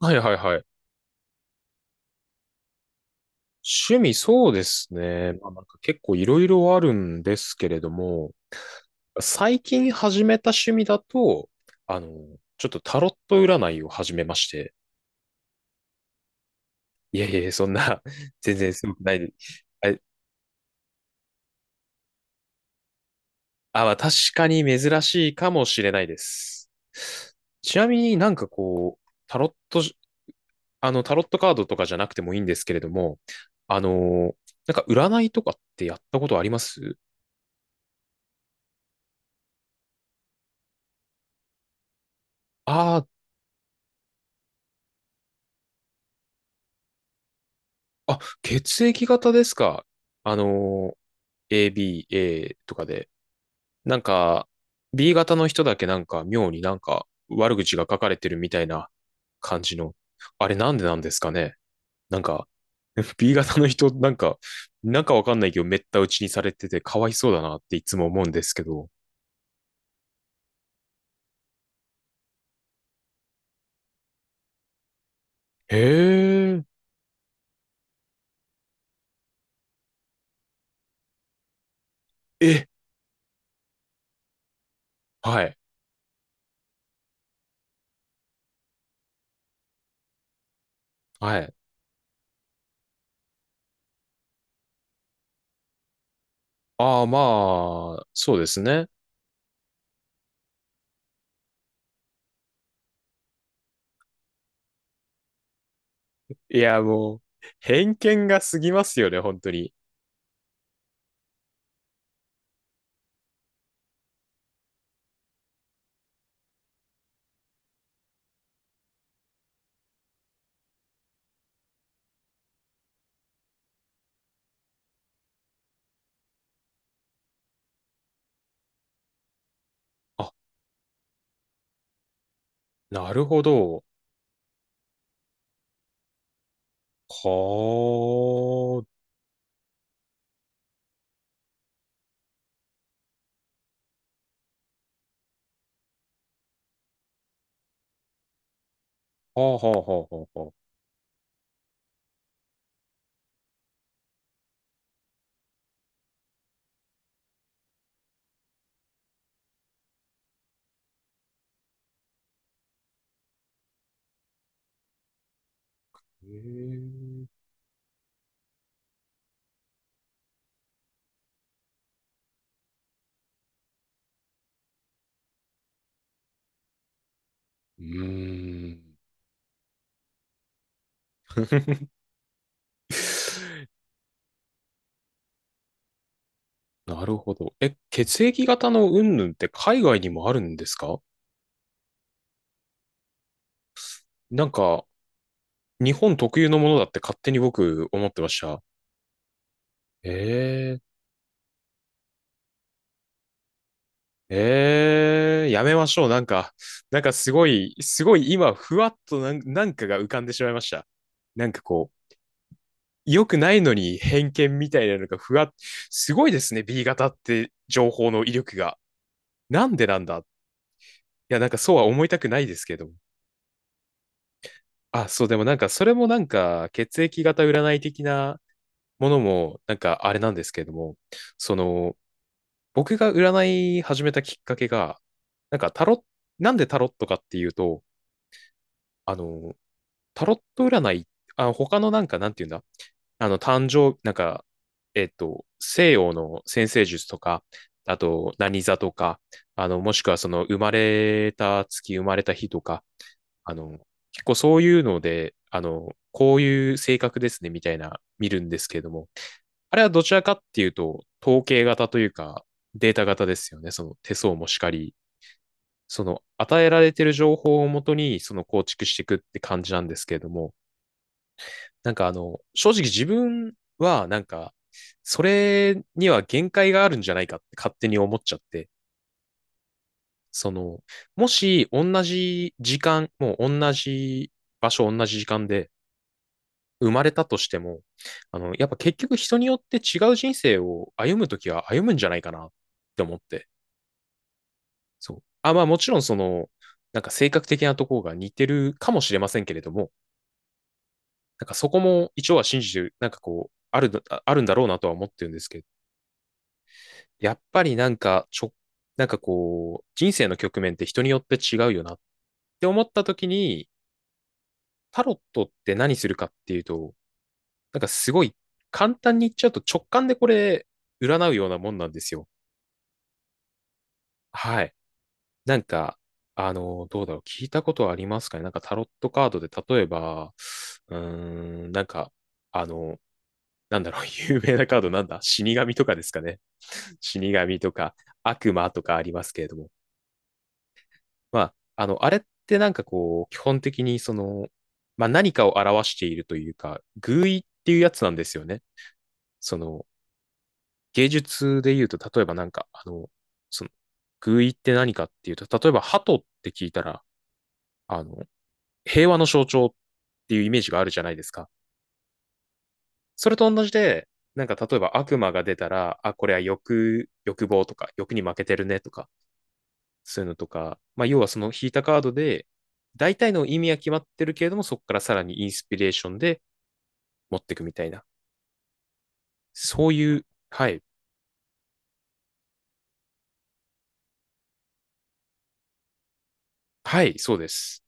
はいはいはい。趣味そうですね。まあ結構いろいろあるんですけれども、最近始めた趣味だと、あの、ちょっとタロット占いを始めまして。いやいやいや、そんな、全然すごくないで。あ、まあ確かに珍しいかもしれないです。ちなみにこう、タロット、タロットカードとかじゃなくてもいいんですけれども、あの、なんか占いとかってやったことありますああー、あ、血液型ですか。あのー、A、B、A とかで。なんか、B 型の人だけなんか妙になんか悪口が書かれてるみたいな感じの。あれなんでなんですかね。なんか、B 型の人なんか、なんかわかんないけどめった打ちにされててかわいそうだなっていつも思うんですけど。へえ、え、はい、はい。ああ、まあ、そうですね。いや、もう、偏見が過ぎますよね、本当に。あ、なるほど。はあ、はあ、はあ、はあ、はあはあ。へえ、うーん。なるほど。え、血液型の云々って海外にもあるんですか？なんか、日本特有のものだって勝手に僕思ってました。ええ、ええ、やめましょう。なんか、なんかすごい、すごい今、ふわっとなん、なんかが浮かんでしまいました。なんかこう、良くないのに偏見みたいなのがふわっ、すごいですね、B 型って情報の威力が。なんでなんだい、や、なんかそうは思いたくないですけど。あ、そう、でもなんかそれもなんか血液型占い的なものもなんかあれなんですけれども、その僕が占い始めたきっかけが、なんかタロッ、なんでタロットかっていうと、あの、タロット占い、あ、他のなんか、なんていうんだ、誕生、なんか、西洋の占星術とか、あと、何座とか、もしくはその、生まれた月、生まれた日とか、あの、結構そういうので、こういう性格ですね、みたいな、見るんですけれども、あれはどちらかっていうと、統計型というか、データ型ですよね。その手相もしかり、その与えられている情報をもとに、その構築していくって感じなんですけれども、なんか正直自分はなんか、それには限界があるんじゃないかって勝手に思っちゃって、その、もし同じ時間、もう同じ場所、同じ時間で生まれたとしても、やっぱ結局人によって違う人生を歩むときは歩むんじゃないかなって思って、そう。あ、まあもちろんその、なんか性格的なところが似てるかもしれませんけれども、なんかそこも一応は信じてる、なんかこう、ある、あるんだろうなとは思ってるんですけど、やっぱりなんか、ちょ、なんかこう、人生の局面って人によって違うよなって思った時に、タロットって何するかっていうと、なんかすごい簡単に言っちゃうと直感でこれ占うようなもんなんですよ。はい。なんか、どうだろう。聞いたことはありますかね、なんかタロットカードで例えば、うーん、なんか、あの、なんだろう、有名なカードなんだ死神とかですかね。死神とか悪魔とかありますけれども。まあ、あれってなんかこう、基本的にその、まあ何かを表しているというか、寓意っていうやつなんですよね。その、芸術で言うと、例えばなんか、その、寓意って何かっていうと、例えば鳩って聞いたら、あの、平和の象徴っていうイメージがあるじゃないですか。それと同じで、なんか例えば悪魔が出たら、あ、これは欲、欲望とか、欲に負けてるねとか、そういうのとか、まあ、要はその引いたカードで、大体の意味は決まってるけれども、そこからさらにインスピレーションで持っていくみたいな。そういう、はい。はい、そうです。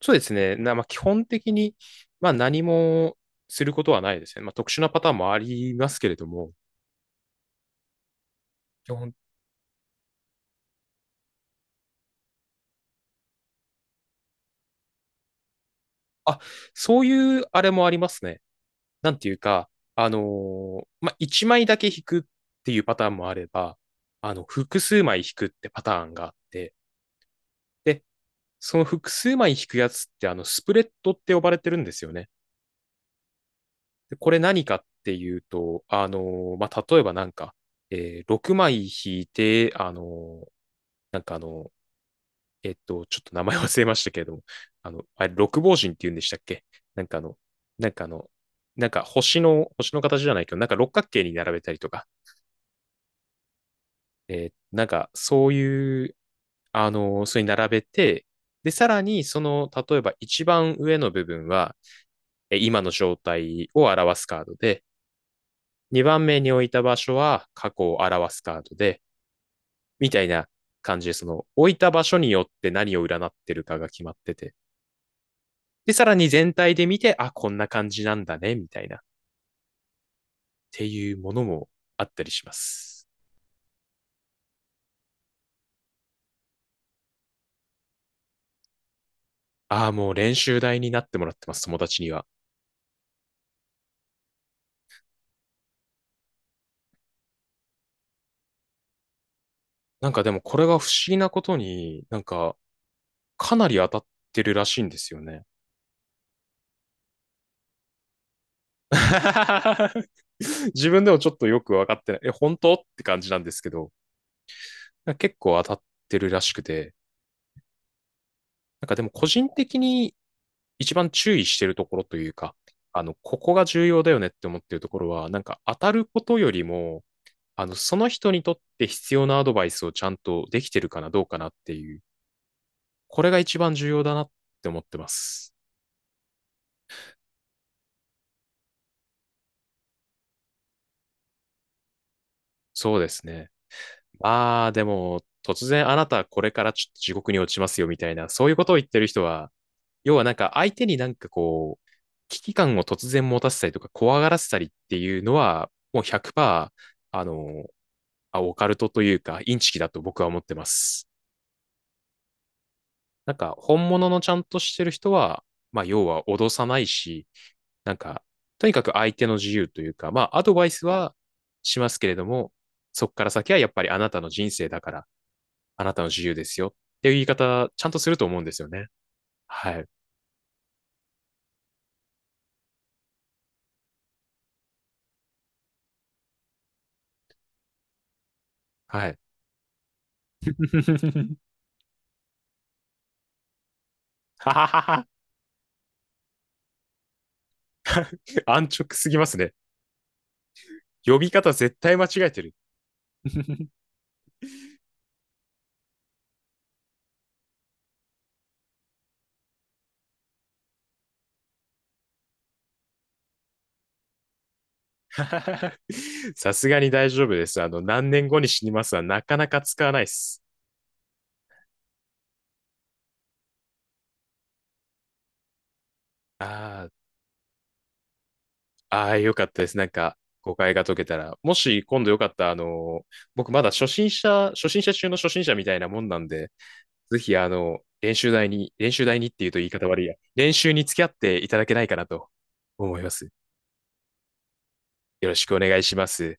そうですね。な、まあ、基本的に、まあ、何もすることはないですね。まあ、特殊なパターンもありますけれども、基本、あ、そういうあれもありますね。なんていうか、まあ、1枚だけ引くっていうパターンもあれば、複数枚引くってパターンがあって、で、その複数枚引くやつって、スプレッドって呼ばれてるんですよね。でこれ何かっていうと、まあ、例えばなんか、6枚引いて、なんかあの、ちょっと名前忘れましたけれども、あれ、六芒人って言うんでしたっけ？なんかあの、なんかあの、なんか星の、星の形じゃないけど、なんか六角形に並べたりとか、なんか、そういう、それに並べて、で、さらに、その、例えば一番上の部分は、今の状態を表すカードで、2番目に置いた場所は過去を表すカードで、みたいな感じで、その、置いた場所によって何を占ってるかが決まってて、で、さらに全体で見て、あ、こんな感じなんだね、みたいな、っていうものもあったりします。ああ、もう練習台になってもらってます、友達には。なんかでもこれが不思議なことに、なんかかなり当たってるらしいんですよね。自分でもちょっとよくわかってない。え、本当って感じなんですけど、なんか結構当たってるらしくて、なんかでも個人的に一番注意してるところというか、ここが重要だよねって思ってるところは、なんか当たることよりも、その人にとって必要なアドバイスをちゃんとできてるかなどうかなっていう、これが一番重要だなって思ってます。そうですね。ああ、でも、突然あなたこれからちょっと地獄に落ちますよみたいな、そういうことを言ってる人は、要はなんか相手になんかこう、危機感を突然持たせたりとか怖がらせたりっていうのは、もう100%、あの、オカルトというか、インチキだと僕は思ってます。なんか、本物のちゃんとしてる人は、まあ、要は脅さないし、なんか、とにかく相手の自由というか、まあ、アドバイスはしますけれども、そこから先はやっぱりあなたの人生だから、あなたの自由ですよっていう言い方、ちゃんとすると思うんですよね。はい。はい。はははは。安直すぎますね。呼び方絶対間違えてる。さすがに大丈夫です。何年後に死にますはなかなか使わないです。ああ、ああ、よかったです。なんか、誤解が解けたら。もし今度よかったら、僕まだ初心者、初心者中の初心者みたいなもんなんで、ぜひ練習台に、練習台にっていうと言い方悪いや、練習に付き合っていただけないかなと思います。よろしくお願いします。